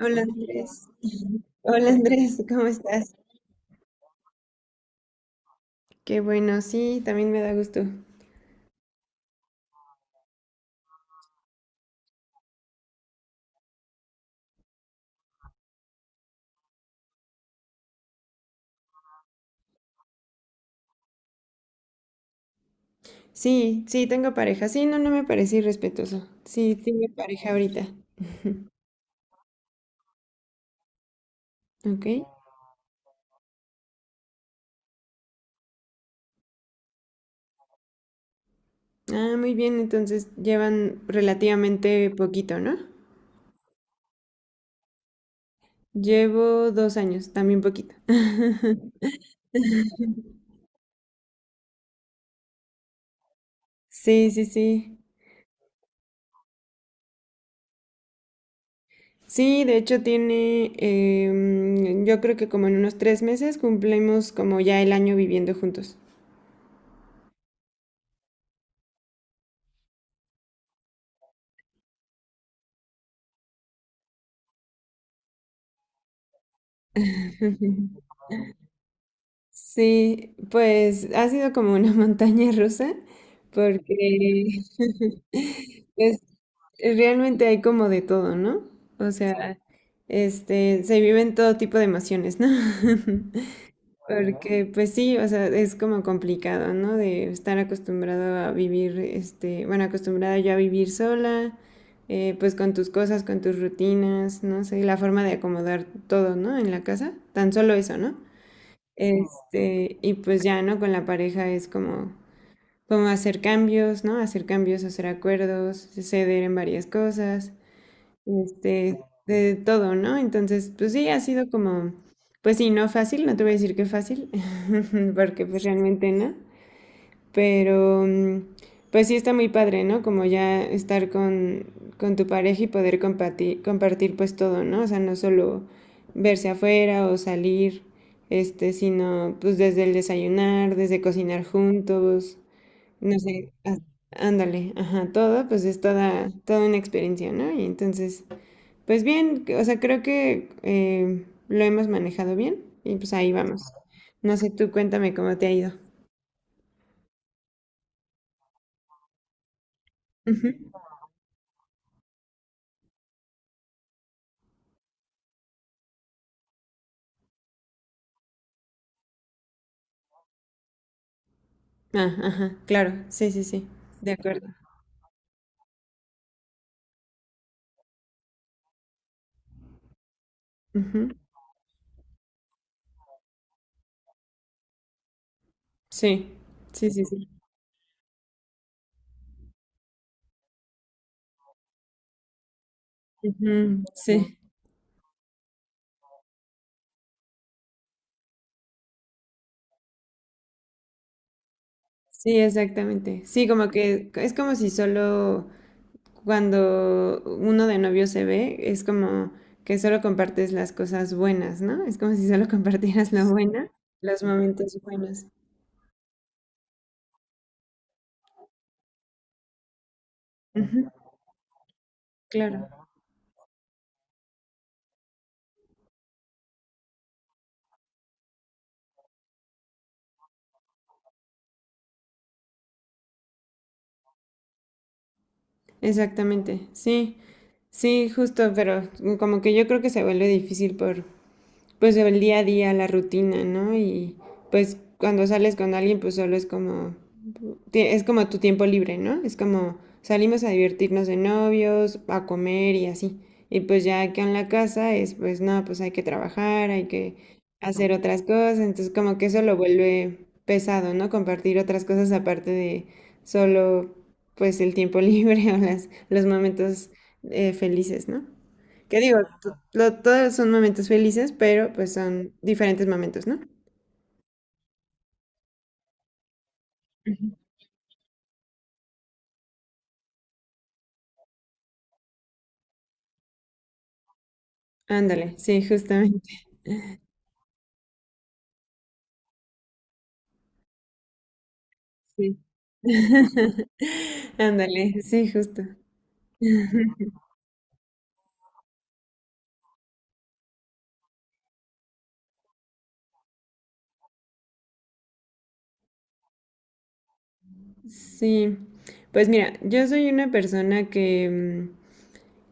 Hola Andrés. Hola Andrés, ¿cómo estás? Qué bueno, sí, también me da gusto. Sí, sí, tengo pareja. Sí, no, no me parece irrespetuoso. Sí, tengo pareja ahorita. Ok. Ah, muy bien, entonces llevan relativamente poquito, ¿no? Llevo 2 años, también poquito. Sí, sí, sí. Sí, de hecho tiene, yo creo que como en unos 3 meses cumplimos como ya el año viviendo juntos. Sí, pues ha sido como una montaña rusa, porque pues, realmente hay como de todo, ¿no? O sea, este, se viven todo tipo de emociones, ¿no? Porque, pues sí, o sea, es como complicado, ¿no? De estar acostumbrado a vivir, este, bueno, acostumbrada yo a vivir sola, pues con tus cosas, con tus rutinas, no sé, la forma de acomodar todo, ¿no? En la casa, tan solo eso, ¿no? Este, y pues ya, ¿no? Con la pareja es como, como hacer cambios, ¿no? Hacer cambios, hacer acuerdos, ceder en varias cosas, este, de todo, ¿no? Entonces, pues sí, ha sido como, pues sí, no fácil, no te voy a decir que fácil, porque pues realmente no, pero, pues sí está muy padre, ¿no? Como ya estar con tu pareja y poder compartir, compartir pues todo, ¿no? O sea, no solo verse afuera o salir, este, sino pues desde el desayunar, desde cocinar juntos, no sé, ándale, ajá, todo, pues es toda una experiencia, ¿no? Y entonces, pues bien, o sea, creo que lo hemos manejado bien y pues ahí vamos. No sé, tú cuéntame cómo te ha ido. Ah, ajá, claro, sí, sí, sí, de acuerdo. Ujú, sí, sí, sí, sí. Ujú, sí, sí, exactamente. Sí, como que es como si solo cuando uno de novio se ve, es como que solo compartes las cosas buenas, ¿no? Es como si solo compartieras lo buena, los momentos buenos. Ujú, claro, exactamente, sí, sí, justo, pero como que yo creo que se vuelve difícil por... pues el día a día, la rutina, ¿no? Y pues cuando sales con alguien, pues solo es como tu tiempo libre, ¿no? Es como salimos a divertirnos de novios, a comer y así. Y pues ya que en la casa es, pues no, pues hay que trabajar, hay que hacer otras cosas, entonces como que eso lo vuelve pesado, ¿no? Compartir otras cosas aparte de solo, pues el tiempo libre o las, los momentos felices, ¿no? Que digo, todos son momentos felices, pero pues son diferentes momentos, ¿no? Ándale, sí, justamente, sí. Ándale, sí, justo. Sí. Pues mira, yo soy una persona que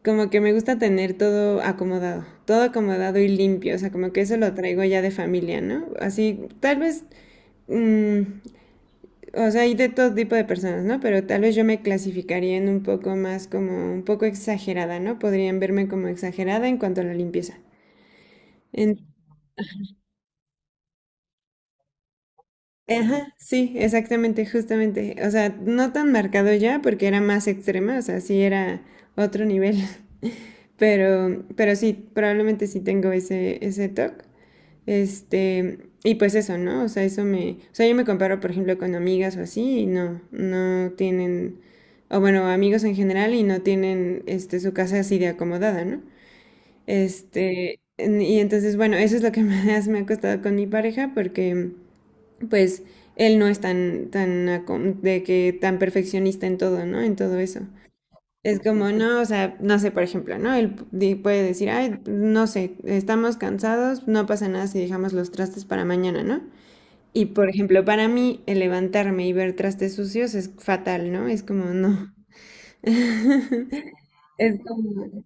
como que me gusta tener todo acomodado y limpio, o sea, como que eso lo traigo ya de familia, ¿no? Así, tal vez mm, o sea, hay de todo tipo de personas, ¿no? Pero tal vez yo me clasificaría en un poco más como un poco exagerada, ¿no? Podrían verme como exagerada en cuanto a la limpieza. En- Ajá, sí, exactamente, justamente. O sea, no tan marcado ya porque era más extrema, o sea, sí era otro nivel. Pero, sí, probablemente sí tengo ese toque. Este, y pues eso, ¿no? O sea, eso me, o sea, yo me comparo, por ejemplo, con amigas o así y no, no tienen, o bueno, amigos en general y no tienen, este, su casa así de acomodada, ¿no? Este, y entonces, bueno, eso es lo que más me ha costado con mi pareja porque, pues, él no es tan, de que tan perfeccionista en todo, ¿no? En todo eso. Es como, no, o sea, no sé, por ejemplo, ¿no? Él puede decir, ay, no sé, estamos cansados, no pasa nada si dejamos los trastes para mañana, ¿no? Y, por ejemplo, para mí, el levantarme y ver trastes sucios es fatal, ¿no? Es como, no. Es como...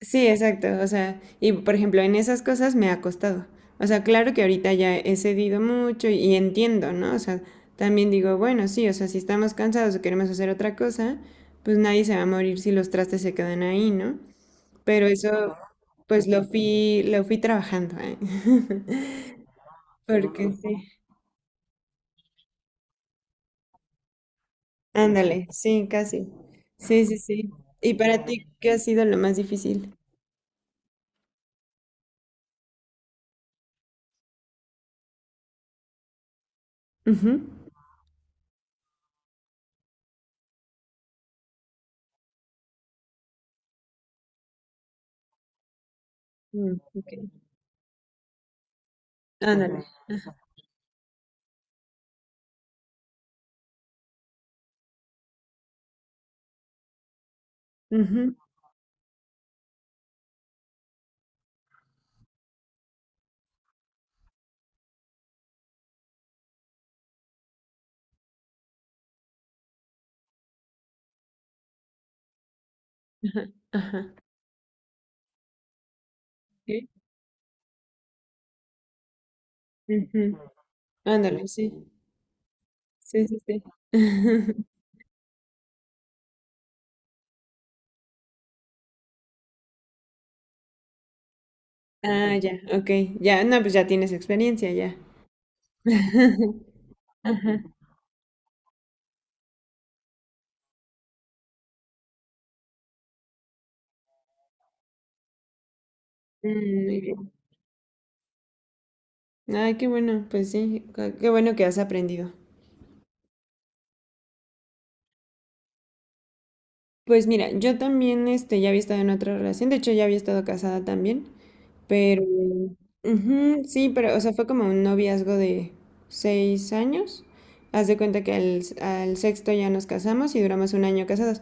Sí, exacto, o sea, y, por ejemplo, en esas cosas me ha costado. O sea, claro que ahorita ya he cedido mucho y entiendo, ¿no? O sea, también digo, bueno, sí, o sea, si estamos cansados o queremos hacer otra cosa, pues nadie se va a morir si los trastes se quedan ahí, ¿no? Pero eso pues lo fui trabajando, ¿eh? Porque sí, ándale, sí, casi. Sí, sí, sí. ¿Y para ti qué ha sido lo más difícil? Ujú. Mm, ok. Ándale. Ujú, Ajá. Ajá. Ok. Ujú. Ándale, sí. Sí, sí, sí. Ah, ya, ok. Ya, no, pues ya tienes experiencia, ya. Ajá. Mm, muy bien. Ay, qué bueno, pues sí, qué bueno que has aprendido. Pues mira, yo también este, ya había estado en otra relación, de hecho ya había estado casada también, pero ujú, sí, pero o sea, fue como un noviazgo de 6 años. Haz de cuenta que al sexto ya nos casamos y duramos un año casados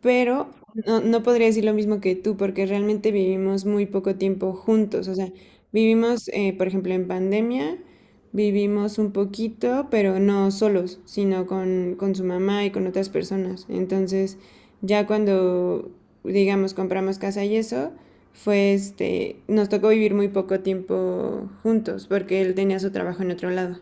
pero no, no podría decir lo mismo que tú, porque realmente vivimos muy poco tiempo juntos. O sea, vivimos, por ejemplo, en pandemia, vivimos un poquito, pero no solos, sino con su mamá y con otras personas. Entonces, ya cuando, digamos, compramos casa y eso, fue este, nos tocó vivir muy poco tiempo juntos, porque él tenía su trabajo en otro lado.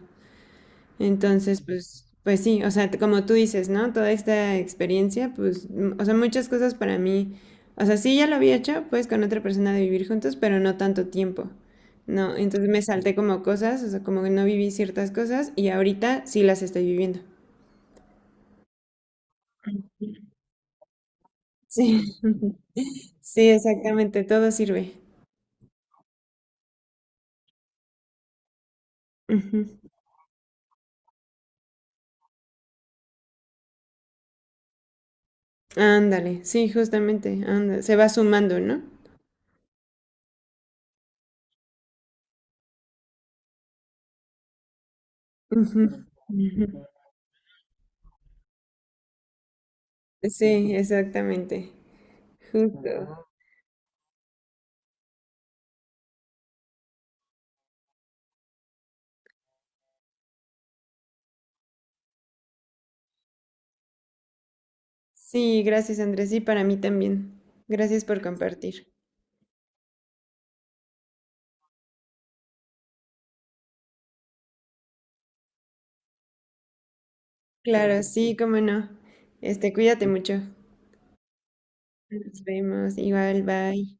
Entonces, pues, pues sí, o sea, como tú dices, ¿no? Toda esta experiencia, pues, mm, o sea, muchas cosas para mí, o sea, sí ya lo había hecho, pues, con otra persona de vivir juntos, pero no tanto tiempo, ¿no? Entonces me salté como cosas, o sea, como que no viví ciertas cosas y ahorita sí las estoy viviendo. Sí, sí, exactamente, todo sirve. Ujú. Ándale, sí, justamente, anda, se va sumando, ¿no? Ujú, ujú. Sí, exactamente, justo. Sí, gracias Andrés, sí, para mí también. Gracias por compartir. Claro, sí, cómo no. Este, cuídate mucho. Nos vemos, igual, bye.